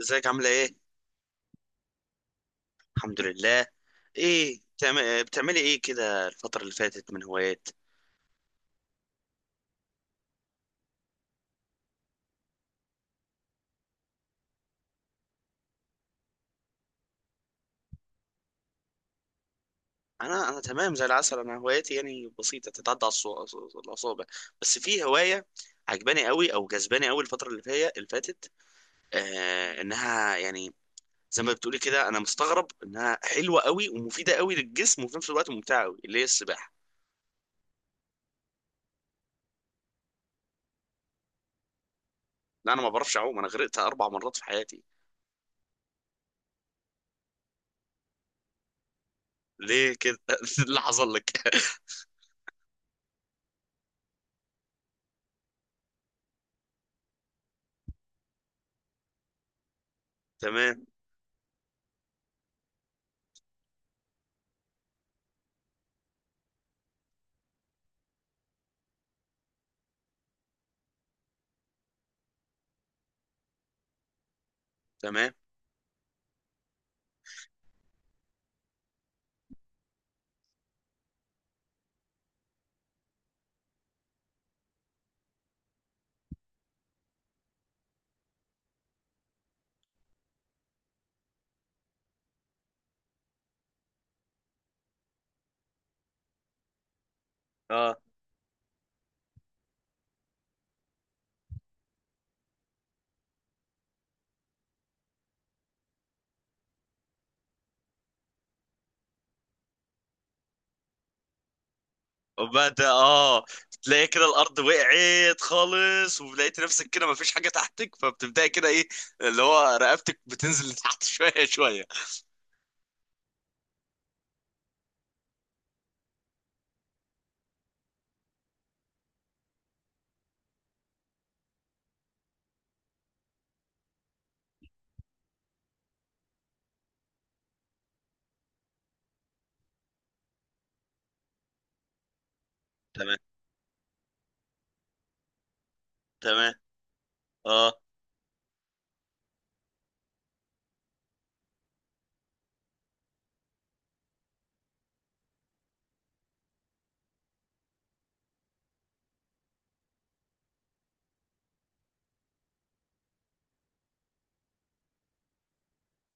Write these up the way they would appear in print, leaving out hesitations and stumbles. ازيك؟ عاملة ايه؟ الحمد لله. ايه بتعملي ايه كده الفترة اللي فاتت من هوايات؟ انا تمام زي العسل. انا هواياتي يعني بسيطة، تتعدى على الاصابع. بس في هواية عجباني قوي او جذباني قوي الفترة اللي فاتت. آه انها يعني، زي ما بتقولي كده، انا مستغرب انها حلوة قوي ومفيدة قوي للجسم وفي نفس الوقت ممتعة قوي، اللي هي السباحة. لا، انا ما بعرفش اعوم، انا غرقت اربع مرات في حياتي. ليه كده؟ اللي حصل لك؟ تمام، تمام، اه. وبعد اه، تلاقي كده الارض وقعت خالص، ولقيت نفسك كده مفيش حاجه تحتك، فبتبداي كده، ايه اللي هو، رقبتك بتنزل لتحت شويه شويه. تمام، تمام، اه.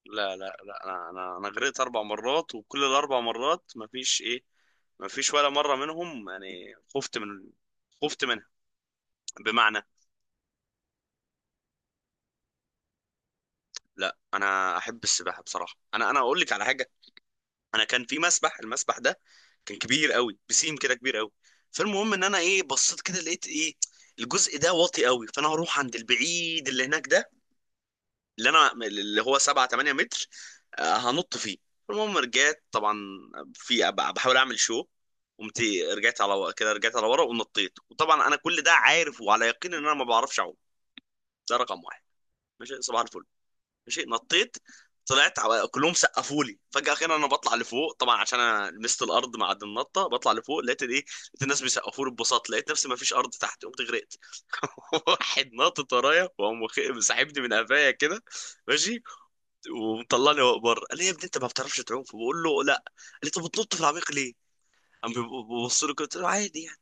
لا لا لا، انا غرقت اربع مرات، وكل الاربع مرات مفيش ايه، مفيش ولا مره منهم يعني خفت من، خفت منها، بمعنى. لا، انا احب السباحه بصراحه. انا اقول لك على حاجه. انا كان في المسبح ده كان كبير قوي، بسيم كده، كبير قوي. فالمهم ان انا ايه، بصيت كده لقيت ايه، الجزء ده واطي قوي، فانا هروح عند البعيد اللي هناك ده، اللي انا اللي هو 7 8 متر، هنط فيه. المهم رجعت طبعا، في بحاول اعمل قمت، كده رجعت على ورا ونطيت، وطبعا انا كل ده عارف وعلى يقين ان انا ما بعرفش اعوم. ده رقم واحد. ماشي، صباح الفل. ماشي نطيت، كلهم سقفوا لي، فجأة كده انا بطلع لفوق طبعا عشان انا لمست الارض مع النطة، بطلع لفوق لقيت الايه، لقيت الناس بيسقفوا لي ببساطة، لقيت نفسي ما فيش ارض تحت، قمت غرقت. واحد ناطط ورايا وقام ساحبني من قفايا كده. ماشي، ومطلعني فوق بره، قال لي: يا ابني انت ما بتعرفش تعوم؟ فبقول له: لا. قال لي: طب بتنط في العميق ليه؟ قام بيبص له كده، قلت له: عادي يعني،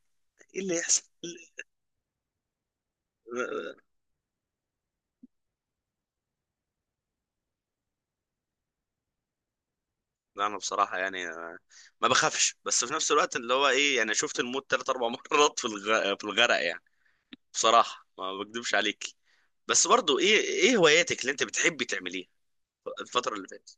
ايه اللي يحصل؟ لا، انا بصراحه يعني ما بخافش، بس في نفس الوقت اللي هو ايه يعني، شفت الموت ثلاث اربع مرات في في الغرق يعني. بصراحه ما بكدبش عليك. بس برضو ايه هواياتك اللي انت بتحبي تعمليها الفتره اللي فاتت؟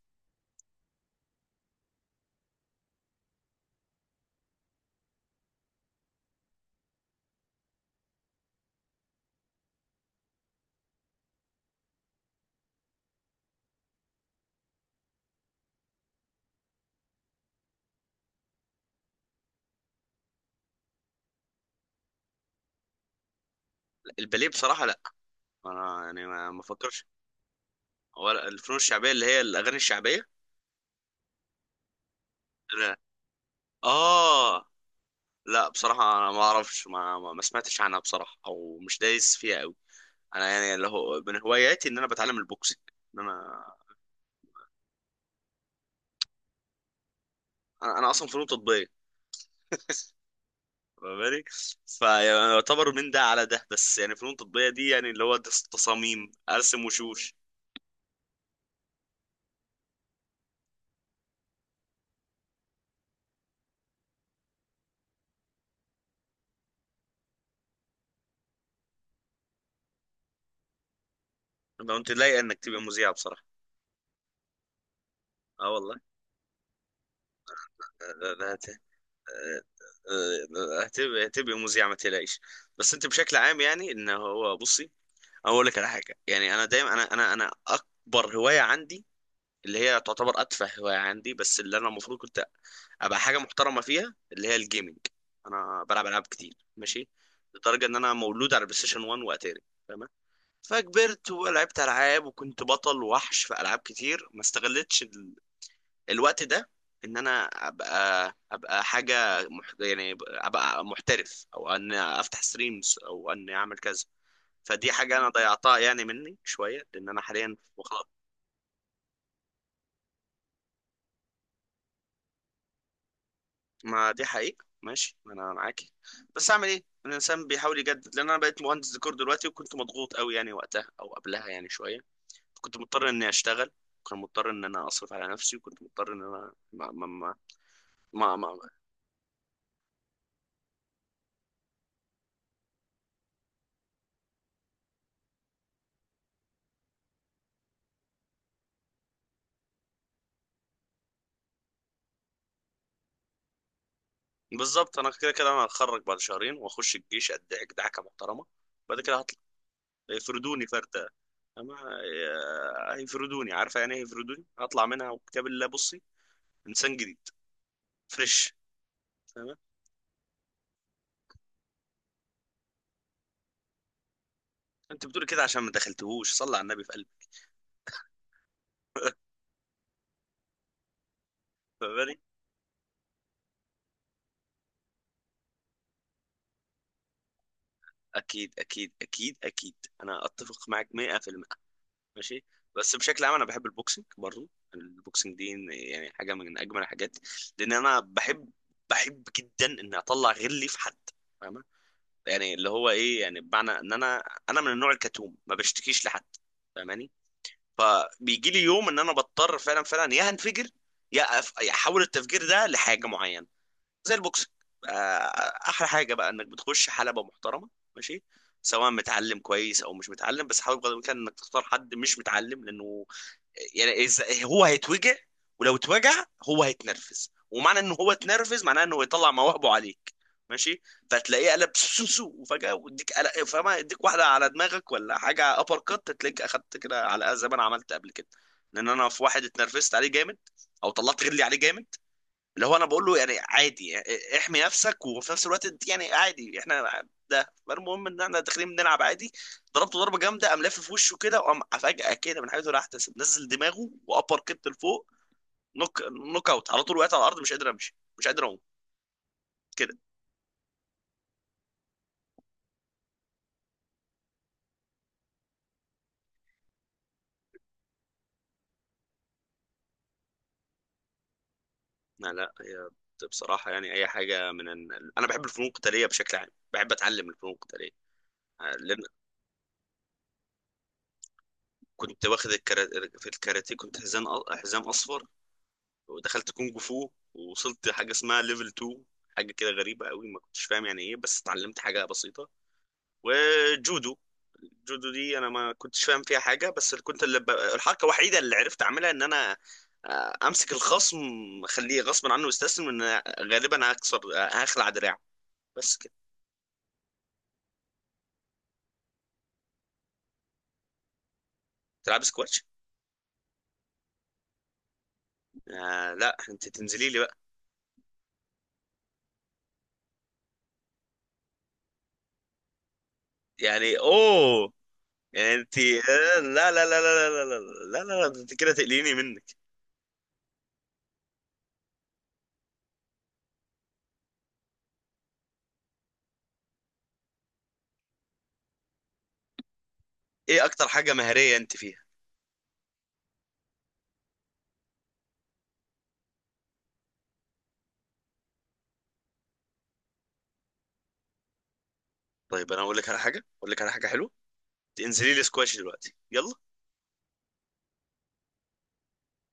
الباليه بصراحه لا، انا يعني ما بفكرش. ولا الفنون الشعبيه اللي هي الاغاني الشعبيه؟ لا. اه، لا بصراحه انا ما اعرفش، ما سمعتش عنها بصراحه، او مش دايس فيها قوي. انا يعني اللي هو من هواياتي ان انا بتعلم البوكسنج. ان انا، انا اصلا فنون تطبيقيه، فاهماني؟ فيعتبر من ده على ده، بس يعني فنون تطبيقية دي يعني اللي هو تصاميم، ارسم وشوش. لو انت لايق انك تبقى مذيعة بصراحة. اه والله. لا هت- هتبقى مذيعة، ما تقلقيش. بس انت بشكل عام يعني ان هو، بصي، أنا اقول لك على حاجة يعني، انا دايما، انا اكبر هواية عندي، اللي هي تعتبر اتفه هوايه عندي، بس اللي انا المفروض كنت ابقى حاجه محترمه فيها، اللي هي الجيمنج. انا بلعب العاب كتير، ماشي؟ لدرجه ان انا مولود على بلاي ستيشن 1 واتاري. تمام، فكبرت ولعبت العاب وكنت بطل وحش في العاب كتير، ما استغلتش الوقت ده ان انا ابقى يعني ابقى محترف، او ان افتح ستريمز، او ان اعمل كذا. فدي حاجه انا ضيعتها يعني مني شويه، لان انا حاليا، ما دي حقيقة، ماشي، ما انا معاكي. بس اعمل ايه، الانسان بيحاول يجدد، لان انا بقيت مهندس ديكور دلوقتي، وكنت مضغوط قوي يعني وقتها او قبلها يعني شوية، كنت مضطر اني اشتغل، كنت مضطر ان انا اصرف على نفسي، وكنت مضطر ان انا ما. بالظبط، انا كده كده انا هتخرج بعد شهرين واخش الجيش، ادعك دعكة محترمة، بعد كده هطلع يفردوني فردة، أما هيفردوني، عارفة يعني إيه هيفردوني؟ هطلع منها وكتاب الله، بصي، إنسان جديد، فريش، فاهمة؟ انت بتقولي كده عشان ما دخلتهوش، صلى على النبي في قلبي. فاهماني؟ اكيد، اكيد، اكيد، اكيد، انا اتفق معاك 100%. ماشي، بس بشكل عام انا بحب البوكسنج برضه. البوكسنج دي يعني حاجه من اجمل الحاجات، لان انا بحب جدا ان اطلع غلي في حد، فاهمه؟ يعني اللي هو ايه يعني، بمعنى ان انا من النوع الكتوم، ما بشتكيش لحد، فاهماني؟ فبيجي لي يوم ان انا بضطر فعلا فعلا يا هنفجر، يا يا احول التفجير ده لحاجه معينه، زي البوكسنج. آه، احلى حاجه بقى انك بتخش حلبه محترمه، ماشي، سواء متعلم كويس او مش متعلم، بس حاول بقدر الامكان انك تختار حد مش متعلم، لانه يعني إذا هو هيتوجع، ولو اتوجع هو هيتنرفز، ومعنى ان هو اتنرفز معناه انه يطلع مواهبه عليك. ماشي، فتلاقيه قلب سوسو، وفجاه ويديك قلق، فما يديك واحده على دماغك ولا حاجه ابر كات، تلاقيك اخدت كده، على زي ما انا عملت قبل كده. لان انا في واحد اتنرفزت عليه جامد، او طلعت غلي عليه جامد، اللي هو انا بقول له يعني عادي يعني، احمي نفسك وفي نفس الوقت انت يعني عادي، احنا ده المهم ان احنا داخلين بنلعب عادي. ضربته ضربه جامده، قام لافف في وشه كده، وقام فجاه كده من حيث لا يحتسب نزل دماغه، وابر كت لفوق، نوك نوك اوت على طول. وقعت على الارض، مش قادر امشي، مش قادر اقوم كده. لا لا، هي بصراحه يعني، اي حاجه من انا بحب الفنون القتاليه بشكل عام، بحب اتعلم الفنون القتاليه، لان كنت واخد في الكاراتيه كنت حزام، حزام اصفر، ودخلت كونج فو ووصلت حاجه اسمها ليفل 2، حاجه كده غريبه قوي ما كنتش فاهم يعني ايه، بس اتعلمت حاجه بسيطه. وجودو، الجودو دي انا ما كنتش فاهم فيها حاجه، بس اللي كنت الحركه الوحيده اللي عرفت اعملها ان انا امسك الخصم، اخليه غصب عنه يستسلم، ان غالبا هخلع دراعه، بس كده. تلعب سكواتش؟ آه، لا انت تنزلي لي بقى. يعني اوه، يعني انت لا لا لا لا لا لا لا لا لا لا، انت كده تقليني منك. ايه اكتر حاجه مهاريه انت فيها؟ طيب انا اقول لك على حاجه، حلوه، انزلي لي سكواش دلوقتي، يلا.